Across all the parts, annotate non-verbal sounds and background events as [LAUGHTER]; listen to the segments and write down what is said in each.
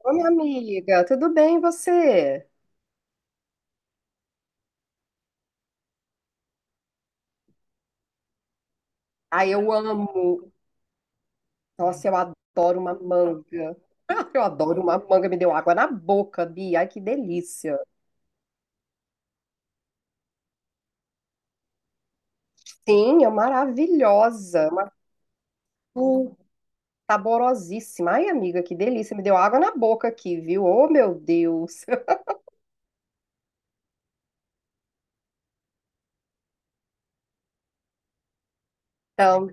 Ô, minha amiga, tudo bem e você? Ai, eu amo. Nossa, eu adoro uma manga. [LAUGHS] Eu adoro uma manga, me deu água na boca, Bia. Ai, que delícia. Sim, é maravilhosa. Uma uh, saborosíssima. Ai, amiga, que delícia. Me deu água na boca aqui, viu? Oh, meu Deus. [LAUGHS] Então,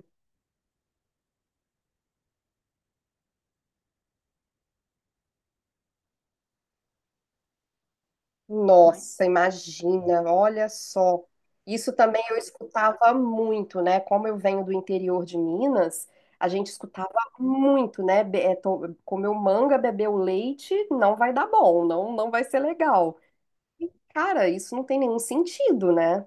nossa, imagina, olha só. Isso também eu escutava muito, né? Como eu venho do interior de Minas, a gente escutava muito, né? Comeu manga, bebeu leite, não vai dar bom, não, não vai ser legal. Cara, isso não tem nenhum sentido, né?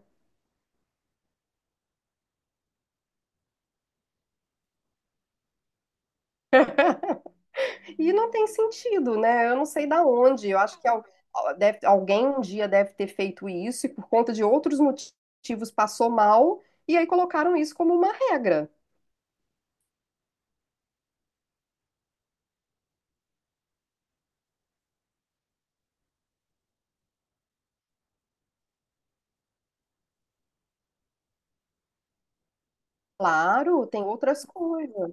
E não tem sentido, né? Eu não sei da onde. Eu acho que alguém um dia deve ter feito isso e por conta de outros motivos passou mal e aí colocaram isso como uma regra. Claro, tem outras coisas.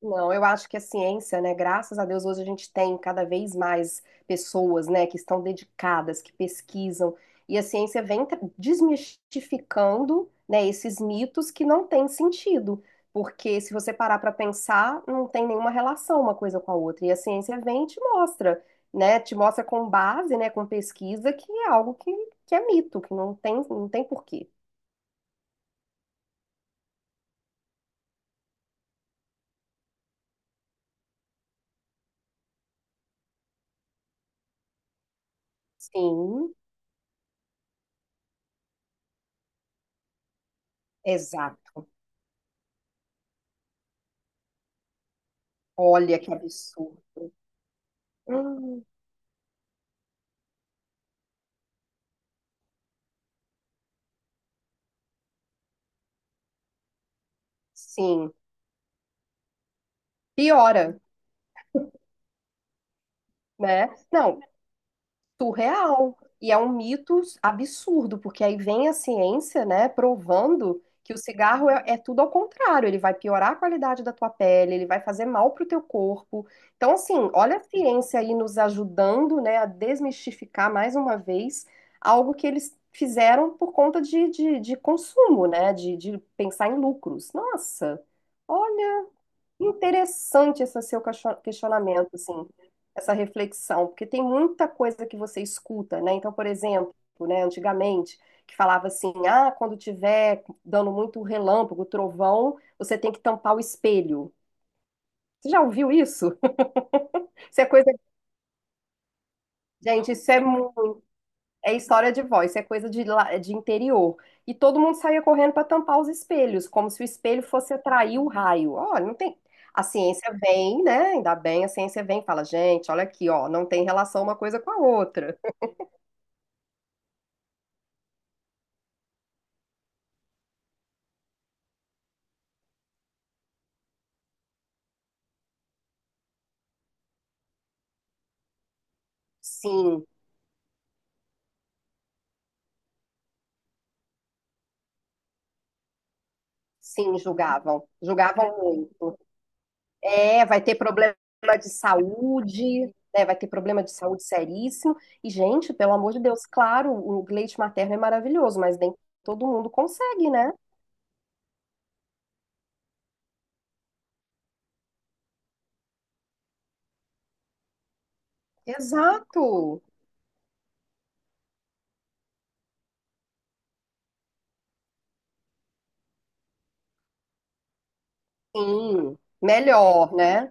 Não, eu acho que a ciência, né? Graças a Deus, hoje a gente tem cada vez mais pessoas, né, que estão dedicadas, que pesquisam, e a ciência vem desmistificando, né, esses mitos que não têm sentido, porque se você parar para pensar, não tem nenhuma relação uma coisa com a outra, e a ciência vem e te mostra, né, te mostra com base, né, com pesquisa, que é algo que é mito, que não tem, não tem porquê. Sim, exato. Olha que absurdo. Hum, Sim, piora, né? Não, surreal. E é um mito absurdo, porque aí vem a ciência, né, provando que o cigarro é, é tudo ao contrário. Ele vai piorar a qualidade da tua pele, ele vai fazer mal pro teu corpo. Então, assim, olha a ciência aí nos ajudando, né, a desmistificar mais uma vez algo que eles fizeram por conta de consumo, né, de pensar em lucros. Nossa, olha. Interessante esse seu questionamento, assim, essa reflexão, porque tem muita coisa que você escuta, né? Então, por exemplo, né, antigamente, que falava assim, ah, quando tiver dando muito relâmpago, trovão, você tem que tampar o espelho. Você já ouviu isso? Isso é coisa, gente, isso é é história de voz, isso é coisa de, de interior. E todo mundo saía correndo para tampar os espelhos, como se o espelho fosse atrair o raio. Olha, não tem. A ciência vem, né? Ainda bem, a ciência vem e fala, gente, olha aqui, ó, não tem relação uma coisa com a outra. Sim, sim, julgavam. Julgavam muito. É, vai ter problema de saúde, né? Vai ter problema de saúde seríssimo. E, gente, pelo amor de Deus, claro, o leite materno é maravilhoso, mas nem todo mundo consegue, né? Exato. Sim, melhor, né?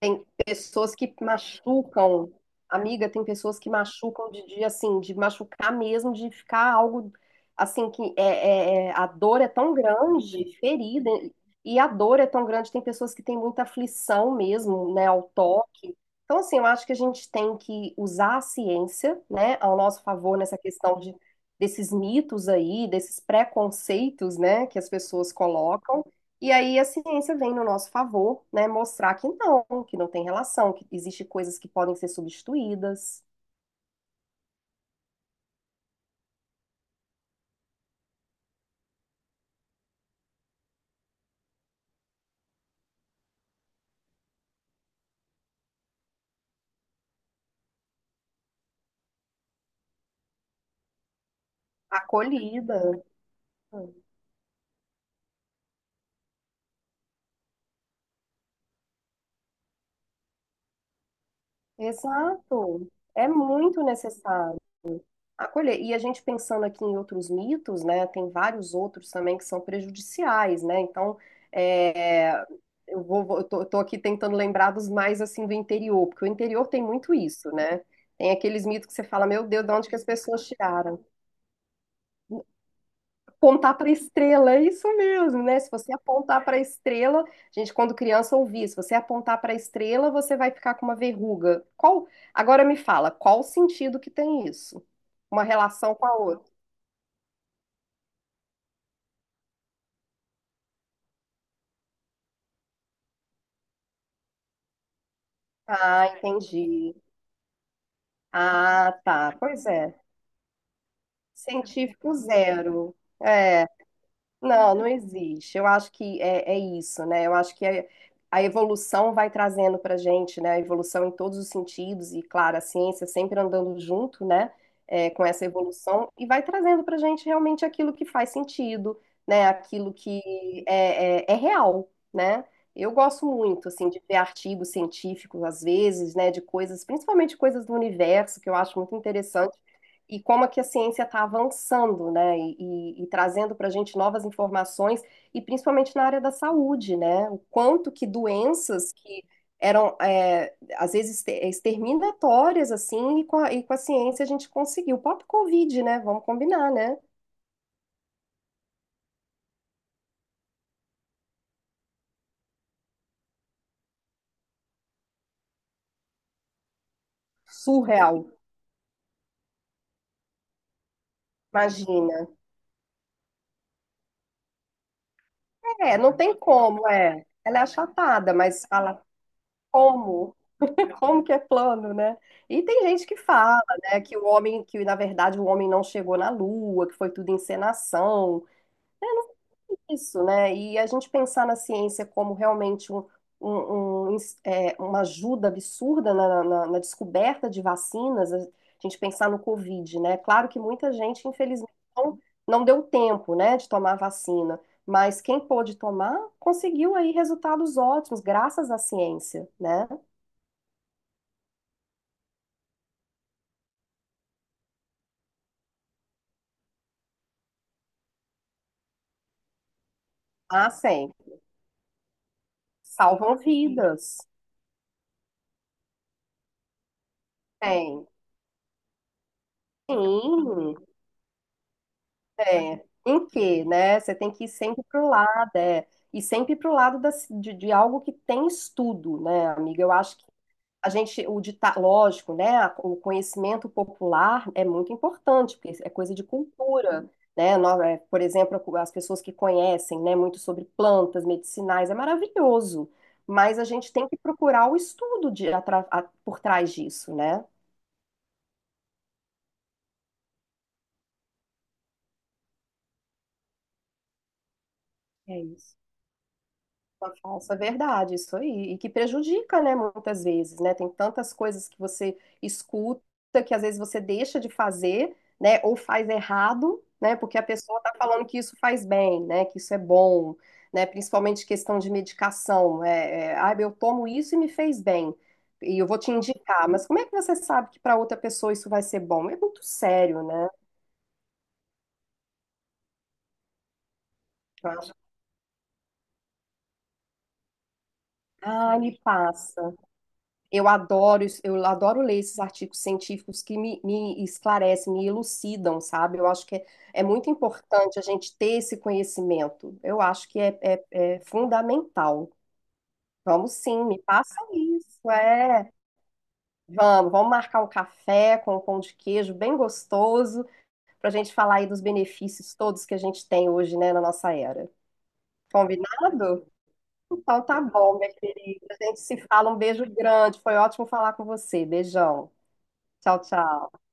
Tem pessoas que machucam, amiga, tem pessoas que machucam de assim, de machucar mesmo, de ficar algo assim que é, a dor é tão grande, ferida, e a dor é tão grande, tem pessoas que têm muita aflição mesmo, né, ao toque. Então, assim, eu acho que a gente tem que usar a ciência, né, ao nosso favor nessa questão de, desses mitos aí, desses preconceitos, né, que as pessoas colocam e aí a ciência vem no nosso favor, né, mostrar que não tem relação, que existe coisas que podem ser substituídas, acolhida. Exato. É muito necessário acolher. E a gente pensando aqui em outros mitos, né, tem vários outros também que são prejudiciais, né? Então, é, eu tô aqui tentando lembrar dos mais assim do interior, porque o interior tem muito isso, né? Tem aqueles mitos que você fala, meu Deus, de onde que as pessoas tiraram? Apontar para a estrela, é isso mesmo, né? Se você apontar para a estrela, gente, quando criança ouvia, se você apontar para a estrela, você vai ficar com uma verruga. Qual? Agora me fala, qual o sentido que tem isso? Uma relação com a outra. Ah, entendi. Ah, tá. Pois é. Científico zero. É. Não, não existe. Eu acho que é, é isso, né? Eu acho que a evolução vai trazendo para gente, né? A evolução em todos os sentidos, e claro, a ciência sempre andando junto, né? É, com essa evolução, e vai trazendo para gente realmente aquilo que faz sentido, né? Aquilo que é, é, é real, né? Eu gosto muito, assim, de ver artigos científicos, às vezes, né? De coisas, principalmente coisas do universo, que eu acho muito interessante e como é que a ciência está avançando, né? E, e trazendo para a gente novas informações, e principalmente na área da saúde, né? O quanto que doenças que eram, é, às vezes, exterminatórias, assim, e com a ciência a gente conseguiu. O próprio Covid, né? Vamos combinar, né? Surreal, imagina. É, não tem como, é. Ela é achatada, mas fala. Como? [LAUGHS] Como que é plano, né? E tem gente que fala, né, que o homem, que na verdade o homem não chegou na Lua, que foi tudo encenação. É, não tem isso, né? E a gente pensar na ciência como realmente um, é, uma ajuda absurda na, na descoberta de vacinas, a gente pensar no Covid, né? Claro que muita gente, infelizmente, não, não deu tempo, né, de tomar a vacina, mas quem pôde tomar conseguiu aí resultados ótimos, graças à ciência, né? Ah, sim. Salvam vidas. Tem. Sim, é. Em que, né? Você tem que ir sempre pro lado, é. E sempre pro lado da, de algo que tem estudo, né, amiga? Eu acho que a gente, o dita, lógico, né? O conhecimento popular é muito importante, porque é coisa de cultura, né? Por exemplo, as pessoas que conhecem, né, muito sobre plantas medicinais, é maravilhoso. Mas a gente tem que procurar o estudo de, por trás disso, né? É isso. Uma falsa verdade, isso aí. E que prejudica, né, muitas vezes, né? Tem tantas coisas que você escuta que às vezes você deixa de fazer, né, ou faz errado, né, porque a pessoa tá falando que isso faz bem, né, que isso é bom, né, principalmente questão de medicação. É, é, ah, eu tomo isso e me fez bem, e eu vou te indicar, mas como é que você sabe que para outra pessoa isso vai ser bom? É muito sério, né? Eu acho. Ah, me passa. Eu adoro, eu adoro ler esses artigos científicos que me esclarecem, me elucidam, sabe? Eu acho que é, é muito importante a gente ter esse conhecimento. Eu acho que é, é fundamental. Vamos sim, me passa isso, é. Vamos, vamos marcar um café com um pão de queijo bem gostoso para a gente falar aí dos benefícios todos que a gente tem hoje, né, na nossa era. Combinado? Então tá bom, minha querida. A gente se fala. Um beijo grande. Foi ótimo falar com você. Beijão. Tchau, tchau.